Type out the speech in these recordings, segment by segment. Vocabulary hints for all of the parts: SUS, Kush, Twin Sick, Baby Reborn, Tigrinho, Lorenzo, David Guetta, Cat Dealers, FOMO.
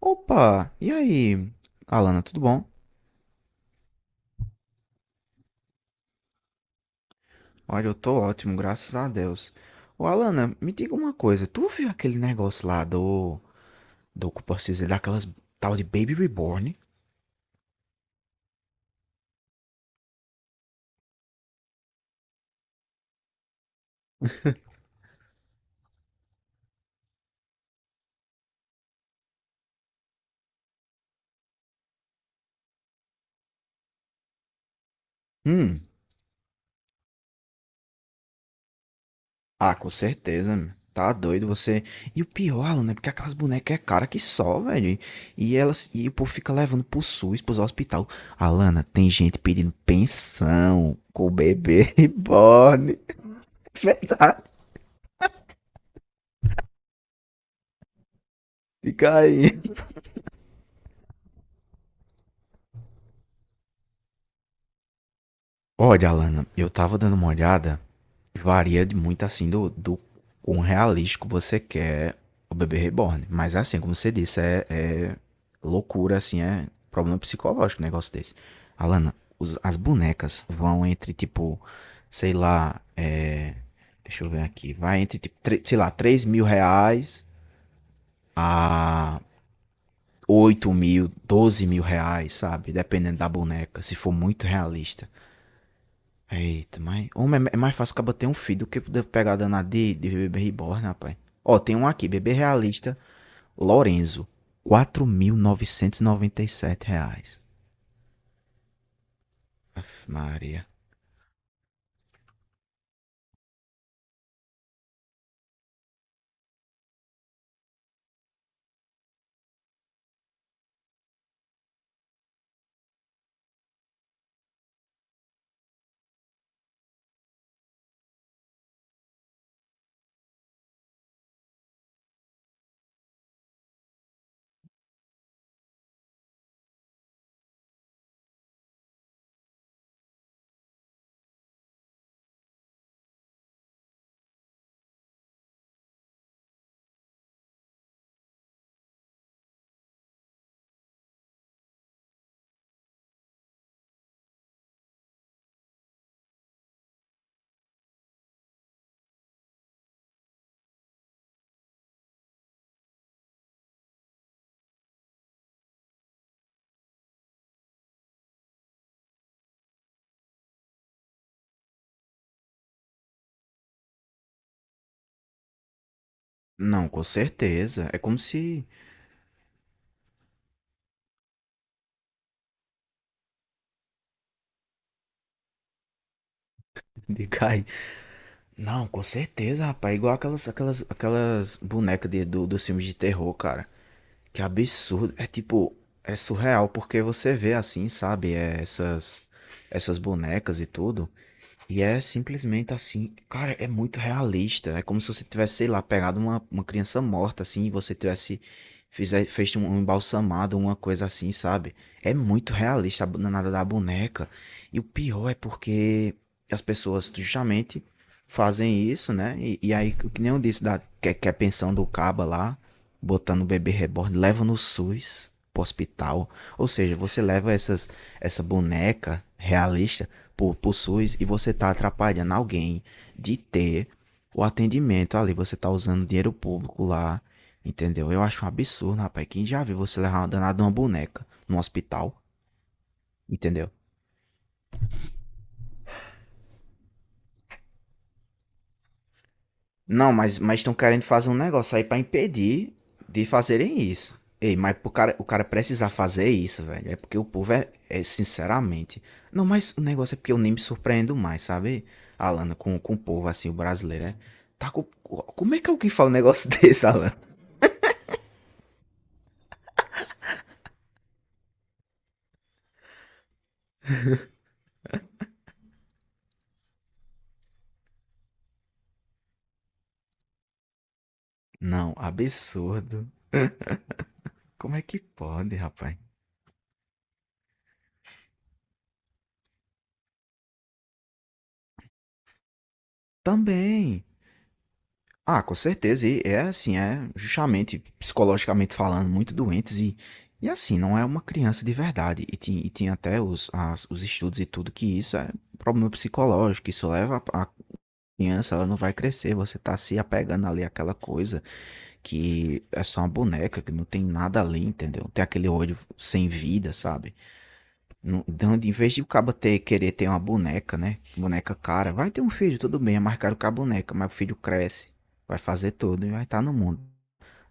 Opa, e aí, Alana, tudo bom? Olha, eu tô ótimo, graças a Deus. Ô, Alana, me diga uma coisa, tu viu aquele negócio lá como posso dizer, daquelas tal de Baby Reborn? Hum, ah, com certeza, meu. Tá doido você. E o pior, Alana, é porque aquelas bonecas é cara que só, velho. E elas, e o povo fica levando pro SUS, pros hospital. Alana, tem gente pedindo pensão com o bebê reborn. Verdade, fica aí. Olha, Alana, eu tava dando uma olhada, varia de muito assim do quão realístico você quer o bebê reborn. Mas assim, como você disse, é loucura, assim, é problema psicológico um negócio desse. Alana, as bonecas vão entre tipo, sei lá, deixa eu ver aqui, vai entre tipo, sei lá, R$ 3.000 a 8.000, R$ 12.000, sabe? Dependendo da boneca, se for muito realista. Eita, mas. Homem, é mais fácil acabar ter um filho do que poder pegar a danada de bebê reborn, rapaz. Ó, tem um aqui, bebê realista, Lorenzo. R$ 4.997. Aff, Maria. Não, com certeza. É como se. De cair. Não, com certeza, rapaz. É igual aquelas bonecas dos filmes de terror, cara. Que absurdo. É tipo. É surreal porque você vê assim, sabe? Essas bonecas e tudo. E é simplesmente assim, cara, é muito realista. É como se você tivesse, sei lá, pegado uma criança morta, assim, e você tivesse fez um embalsamado, uma coisa assim, sabe? É muito realista a nada da boneca. E o pior é porque as pessoas justamente fazem isso, né? Que nem eu disse, que é a pensão do Caba lá, botando o bebê reborn, leva no SUS pro hospital. Ou seja, você leva essa boneca realista por, e você está atrapalhando alguém de ter o atendimento ali. Você está usando dinheiro público lá, entendeu? Eu acho um absurdo, rapaz. Quem já viu você levar uma danada de uma boneca no hospital, entendeu? Não, mas estão querendo fazer um negócio aí pra impedir de fazerem isso. Ei, o cara precisar fazer isso, velho, é porque o povo é sinceramente. Não, mas o negócio é porque eu nem me surpreendo mais, sabe, Alana, com o povo assim, o brasileiro, é. Tá com, como é que alguém fala um negócio desse, Alana? Não, absurdo. Como é que pode, rapaz? Também. Ah, com certeza. E é assim, é justamente psicologicamente falando, muito doentes e assim, não é uma criança de verdade. E tem até os estudos e tudo que isso é problema psicológico. Isso leva a criança, ela não vai crescer. Você tá se apegando ali àquela coisa que é só uma boneca, que não tem nada ali, entendeu? Tem aquele olho sem vida, sabe? Não, então, em vez de o cabo ter, querer ter uma boneca, né? Boneca cara, vai ter um filho, tudo bem, é mais caro que a boneca, mas o filho cresce, vai fazer tudo e vai estar no mundo.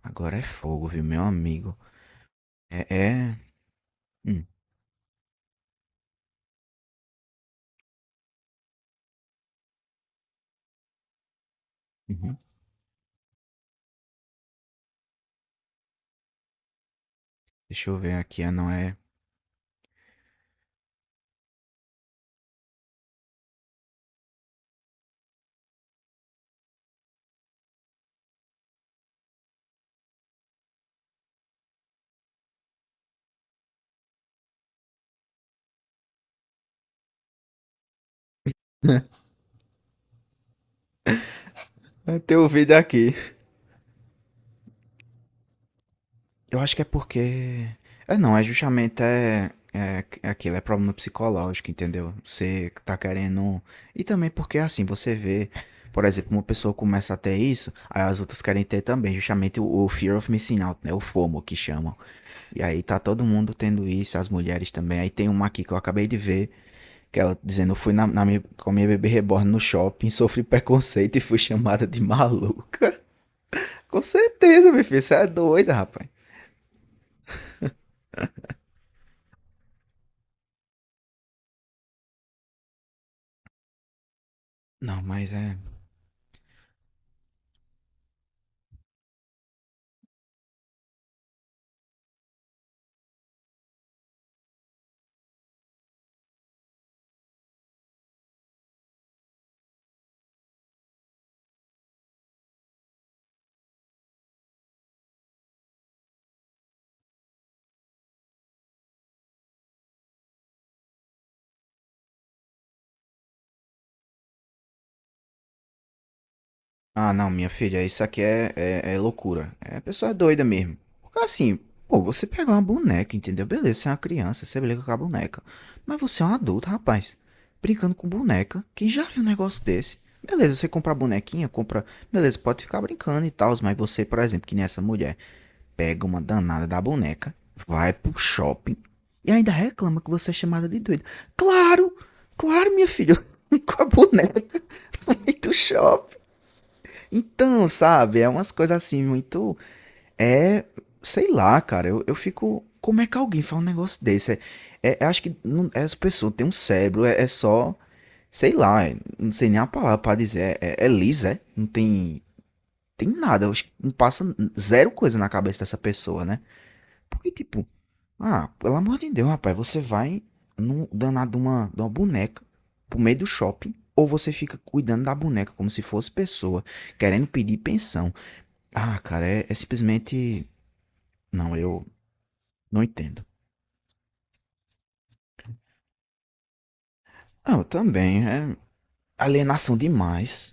Agora é fogo, viu, meu amigo? É. É... Hum, uhum. Deixa eu ver aqui, ah, não é. É teu vídeo aqui. Eu acho que é porque. É não, é justamente é, é, é aquilo, é problema psicológico, entendeu? Você tá querendo. E também porque assim, você vê, por exemplo, uma pessoa começa a ter isso, aí as outras querem ter também, justamente o Fear of Missing Out, né? O FOMO que chamam. E aí tá todo mundo tendo isso, as mulheres também. Aí tem uma aqui que eu acabei de ver, que ela dizendo, eu fui com a minha bebê reborn no shopping, sofri preconceito e fui chamada de maluca. Com certeza, meu filho, você é doida, rapaz. Não, mas é. Ah, não, minha filha, isso aqui é loucura. É a pessoa é doida mesmo. Porque assim, pô, você pegar uma boneca, entendeu? Beleza, você é uma criança, você brinca com a boneca. Mas você é um adulto, rapaz. Brincando com boneca, quem já viu um negócio desse? Beleza, você compra a bonequinha, compra. Beleza, pode ficar brincando e tal, mas você, por exemplo, que nem essa mulher, pega uma danada da boneca, vai pro shopping e ainda reclama que você é chamada de doida. Claro, claro, minha filha, com a boneca e do shopping. Então, sabe, é umas coisas assim muito. É. Sei lá, cara, eu fico. Como é que alguém faz um negócio desse? Eu acho que não, essa pessoa tem um cérebro, é só. Sei lá, é- não sei nem a palavra pra dizer. Não tem. Tem nada, eu acho que não passa zero coisa na cabeça dessa pessoa, né? Porque, tipo, ah, pelo amor de Deus, rapaz, você vai no danado de uma boneca pro meio do shopping, ou você fica cuidando da boneca como se fosse pessoa, querendo pedir pensão. Ah, cara, é, é simplesmente. Não, eu não entendo. Ah, eu também. É alienação demais.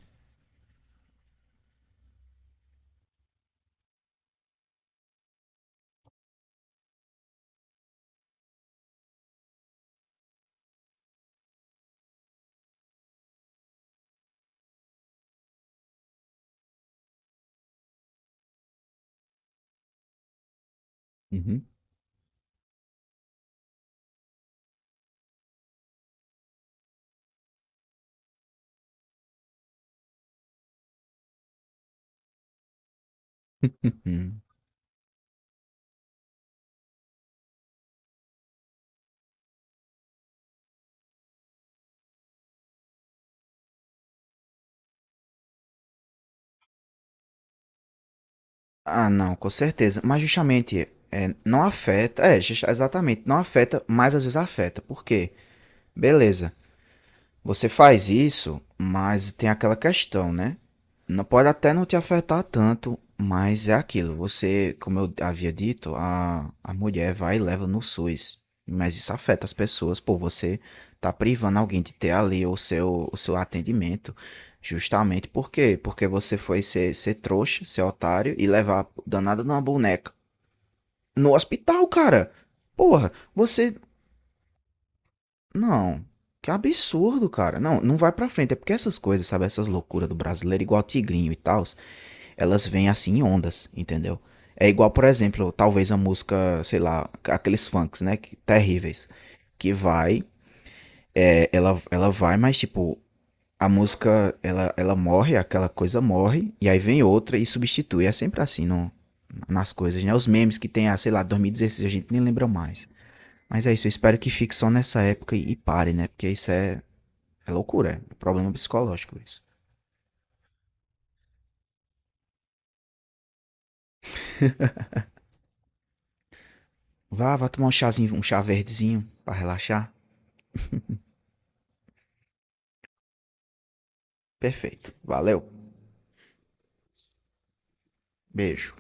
Uhum. Ah, não, com certeza. Mas justamente é, não afeta. É, ju- exatamente. Não afeta, mas às vezes afeta. Por quê? Beleza. Você faz isso, mas tem aquela questão, né? Não pode até não te afetar tanto, mas é aquilo. Você, como eu havia dito, a mulher vai e leva no SUS. Mas isso afeta as pessoas, pô, você tá privando alguém de ter ali o seu atendimento. Justamente por quê? Porque você foi ser trouxa, ser otário e levar a danada numa boneca. No hospital, cara. Porra, você não, que absurdo, cara. Não, não vai pra frente. É porque essas coisas, sabe? Essas loucuras do brasileiro, igual Tigrinho e tal, elas vêm assim em ondas, entendeu? É igual, por exemplo, talvez a música, sei lá, aqueles funks, né? que- Terríveis. Que vai, é, ela vai, mas tipo, a música, ela morre, aquela coisa morre, e aí vem outra e substitui. É sempre assim no, nas coisas, né? Os memes que tem, ah, sei lá, 2016, a gente nem lembra mais. Mas é isso, eu espero que fique só nessa época e pare, né? Porque é loucura, é um problema psicológico isso. Vá, vá tomar um chazinho, um chá verdezinho pra relaxar. Perfeito. Valeu. Beijo.